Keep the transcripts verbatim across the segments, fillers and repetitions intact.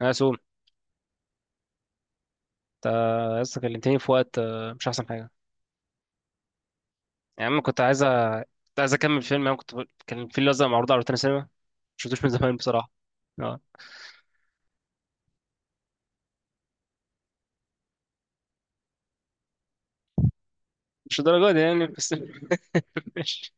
انا سوم. انت لسه كلمتني في وقت، آه، مش احسن حاجه. يعني انا كنت عايز أ- كنت عايز اكمل فيلم. انا كنت كان الفيل الازرق معروض على روتانا سينما. مشفتوش من زمان بصراحه. اه. مش الدرجه دي يعني، بس. ماشي.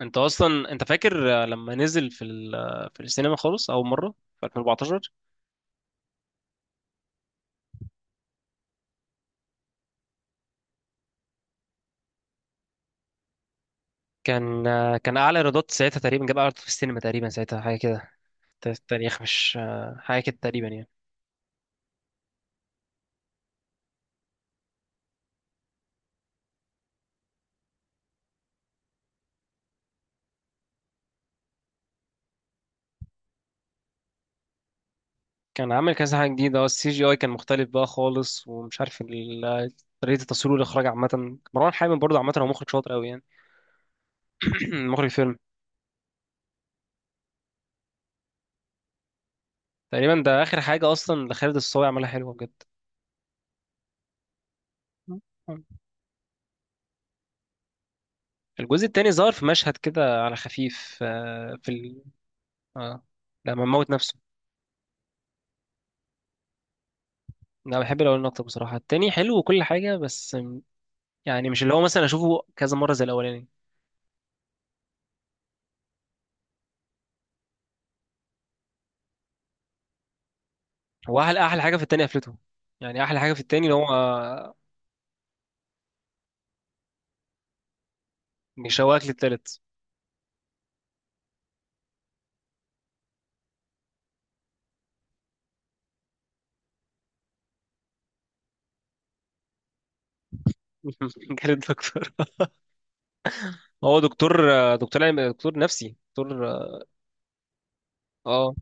انت اصلا، انت فاكر آه، لما نزل في ال... آه، في السينما خالص اول مره في ألفين وأربعتاشر؟ كان آه، كان اعلى ايرادات ساعتها تقريبا، جاب اعلى في السينما تقريبا ساعتها حاجه كده. التاريخ مش آه، حاجه كده تقريبا يعني. كان عامل كذا حاجة جديدة. اه، السي جي اي كان مختلف بقى خالص، ومش عارف ال- طريقة التصوير والإخراج عامة. مروان حامد برضه عامة هو مخرج شاطر أوي يعني. مخرج فيلم. تقريبا ده آخر حاجة أصلا لخالد الصاوي، عملها حلوة بجد. الجزء التاني ظهر في مشهد كده على خفيف، آه، في ال... آه. لما موت نفسه. أنا بحب الأولاني أكتر، بصراحة. التاني حلو وكل حاجة، بس يعني مش اللي هو مثلا أشوفه كذا مرة زي الأولاني. هو أحلى أحلى حاجة في التاني قفلته. يعني أحلى حاجة في التاني اللي هو، آه، بيشوقك للتالت. جالد دكتور. هو دكتور، آه، دكتور علم، دكتور نفسي، دكتور. اه،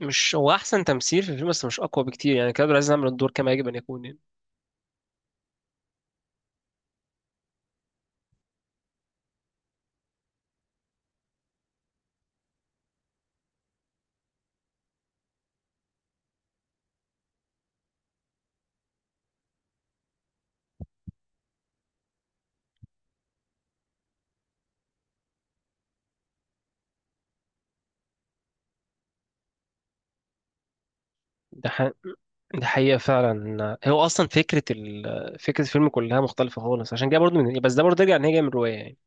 مش هو احسن تمثيل في الفيلم؟ بس مش اقوى بكتير يعني، كان عايز يعمل الدور كما يجب ان يكون يعني. ده ح... ده حقيقة فعلا. هو اصلا فكرة ال... فكرة الفيلم كلها مختلفة خالص، عشان كده برضه من... يعني، بس ده برضه يرجع ان هي جاية من رواية يعني.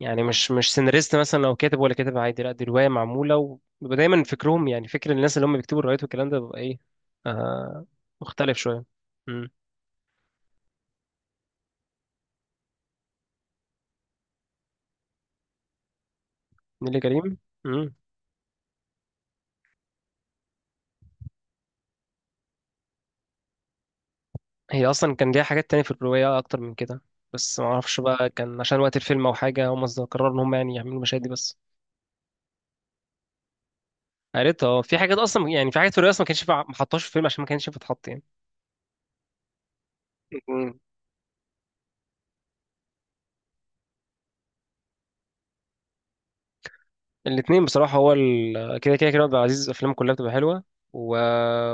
يعني مش مش سيناريست مثلا لو كاتب ولا كاتب عادي، لا دي رواية معمولة. وبيبقى دايما فكرهم، يعني فكر الناس اللي هم بيكتبوا الروايات والكلام ده بيبقى ايه، آه... مختلف شوية. امم. نيلي كريم. امم. هي اصلا كان ليها حاجات تانية في الرواية، اكتر من كده. بس ما اعرفش بقى، كان عشان وقت الفيلم او حاجة، هم ز- قرروا ان هم يعني يعملوا المشاهد دي بس. قريتها. اه، في حاجات اصلا يعني، في حاجات في الرواية اصلا ما كانش ينفع- ما حطهاش في الفيلم عشان ما كانش ينفع تتحط يعني. مم. الاثنين بصراحة. هو ال... كده كده كريم عبد العزيز أفلامه كلها بتبقى حلوة و...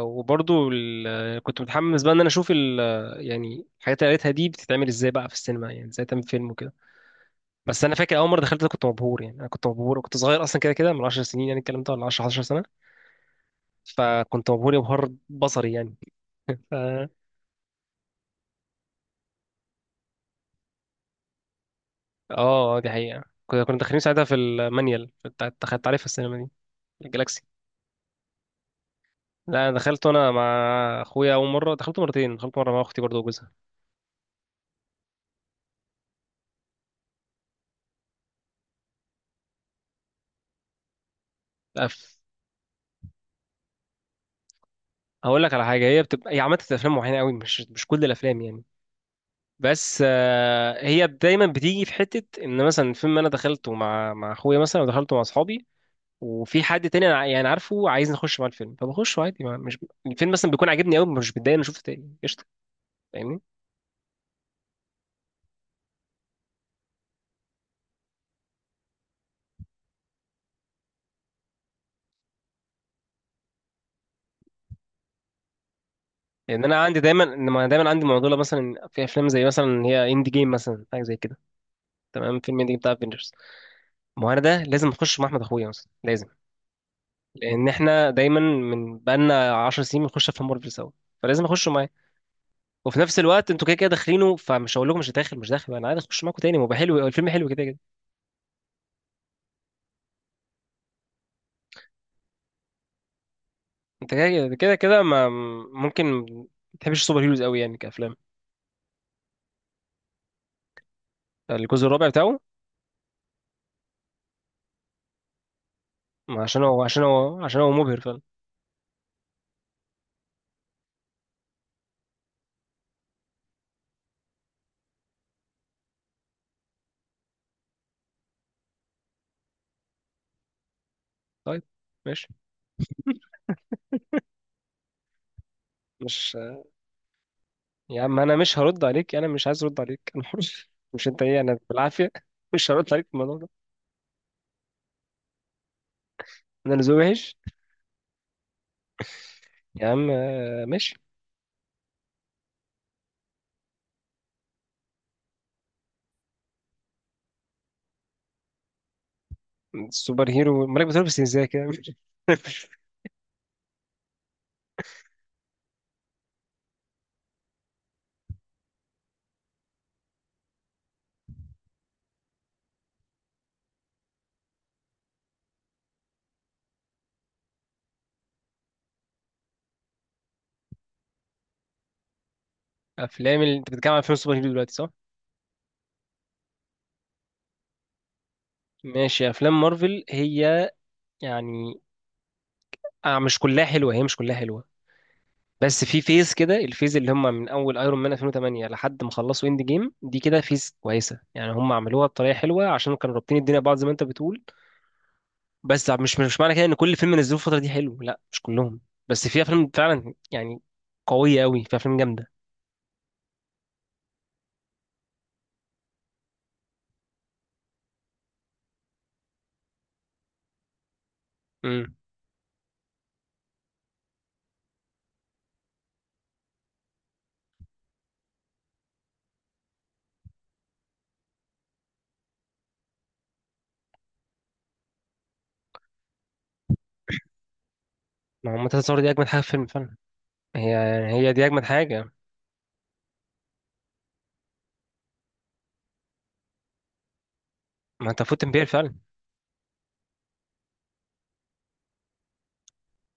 وبرضه ال... كنت متحمس بقى إن أنا أشوف ال... يعني الحاجات اللي قريتها دي بتتعمل إزاي بقى في السينما، يعني إزاي تعمل فيلم وكده. بس أنا فاكر أول مرة دخلت ده كنت مبهور يعني. أنا كنت مبهور وكنت صغير أصلا، كده كده من عشر سنين يعني الكلام ده، ولا عشر أحد عشر سنة. فكنت مبهور يبهر بصري يعني. ف اه، دي حقيقة. كنا كنا داخلين ساعتها في المانيال بتاع، دخلت عليه في السينما دي. الجلاكسي. لا، أنا دخلته انا مع اخويا اول مرة. دخلته مرتين، دخلت مرة مع اختي برضه وجوزها. أف... هقول لك على حاجة، هي بتبقى هي عملت في افلام معينة قوي، مش مش كل الافلام يعني. بس آه، هي دايما بتيجي في حتة ان مثلا فيلم انا دخلته مع مع اخويا مثلا، ودخلته مع اصحابي. وفي حد تاني أنا، ع- يعني عارفه عايز نخش مع الفيلم، فبخش عادي. ما- مش الفيلم مثلا بيكون عاجبني قوي، مش بتضايق إن أنا شفته تاني. قشطة، فاهمني؟ لان انا عندي دايما، إنما دايما عندي معضله مثلا في افلام زي مثلا اللي هي اند جيم مثلا، حاجه زي كده. تمام، فيلم اند جيم بتاع افنجرز. ما هو انا ده لازم اخش مع احمد اخويا مثلا، لازم. لان احنا دايما، من بقالنا عشرة سنين بنخش افلام مارفل سوا، فلازم اخش معاه. وفي نفس الوقت انتوا كده كده داخلينه، فمش هقول لكم مش داخل مش داخل، انا عادي اخش معاكم تاني. ما هو بقى حلو، الفيلم حلو كده كده. انت كده كده كده كده، ما ممكن ما تحبش السوبر هيروز قوي يعني كافلام. الجزء الرابع بتاعه. ما عشان هو عشان هو عشان هو مبهر فعلا. طيب، ماشي. مش يا عم، انا مش هرد عليك، انا مش عايز ارد عليك، انا حر. مش انت ايه؟ انا بالعافيه. مش هرد عليك في الموضوع ده. انا اللي ذوقي وحش؟ يا عم، آه، ماشي. السوبر هيرو مالك بتقول، بس ازاي كده؟ افلام ال... انت بتتكلم عن فيلم السوبر هيرو دلوقتي، صح؟ ماشي، افلام مارفل هي يعني، آه مش كلها حلوه، هي مش كلها حلوه. بس في فيز كده، الفيز اللي هم من اول ايرون مان ألفين وثمانية لحد ما خلصوا اند جيم دي، كده فيز كويسه يعني. هم عملوها بطريقه حلوه عشان كانوا رابطين الدنيا ببعض زي ما انت بتقول. بس مش مش معنى كده ان كل فيلم نزلوه الفتره دي حلو، لا مش كلهم. بس في افلام فعلا يعني، قويه قوي، في افلام جامده. امم. ما هو منتهى الصور دي اجمد حاجه في الفيلم فعلا. هي هي دي اجمد حاجه. ما انت فوت امبير فعلا.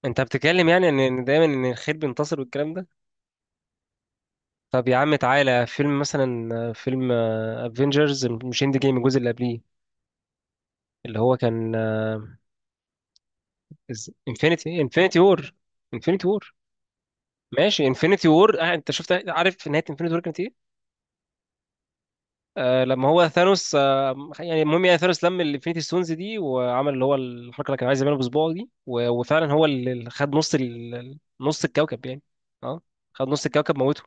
انت بتتكلم يعني ان إن دايما ان الخير بينتصر والكلام ده. طب يا عم تعالى، فيلم مثلا آه، فيلم افنجرز، مش اند جيم الجزء اللي قبليه. اللي هو كان انفينيتي انفينيتي وور. انفينيتي وور. ماشي، انفينيتي وور، انت شفت؟ عارف نهايه انفينيتي وور كانت ايه؟ آه. لما هو ثانوس، آه يعني المهم، يعني ثانوس لم الانفينيتي ستونز دي وعمل اللي هو الحركه اللي كان عايز يعملها بصباعه دي، و- وفعلا هو اللي خد نص ال... نص الكوكب يعني. اه، خد نص الكوكب، موته.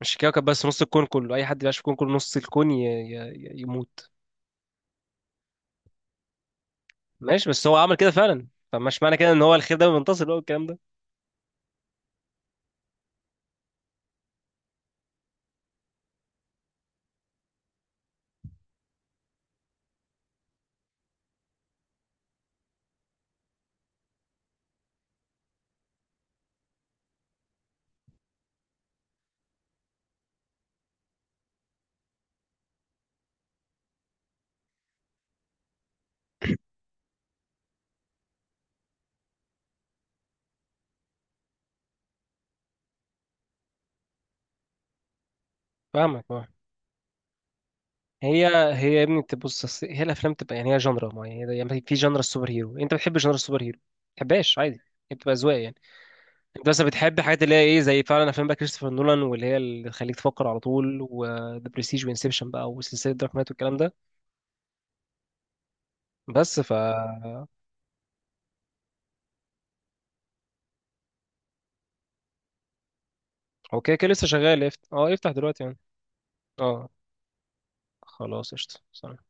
مش الكوكب بس، نص الكون كله، اي حد بيعيش في الكون كله نص الكون ي... ي... ي- يموت. ماشي، بس هو عمل كده فعلا، فمش معنى كده ان هو الخير ده بينتصر بقى والكلام ده. فاهمك. اه. هي هي يا ابني تبص، أصل هي الافلام تبقى يعني، هي جنرا معينه يعني، في جنرا السوبر هيرو، انت بتحب جنرا السوبر هيرو ما بتحبهاش، عادي. هي بتبقى اذواق يعني. انت بس بتحب حاجات اللي هي ايه، زي فعلا افلام بقى كريستوفر نولان، واللي هي اللي تخليك تفكر على طول، وذا برستيج وانسبشن بقى، وسلسله دارك نايت والكلام ده. بس. ف اوكي، كده لسه شغال، يفت... اه يفتح دلوقتي يعني؟ اه، خلاص. قشطه. سلام.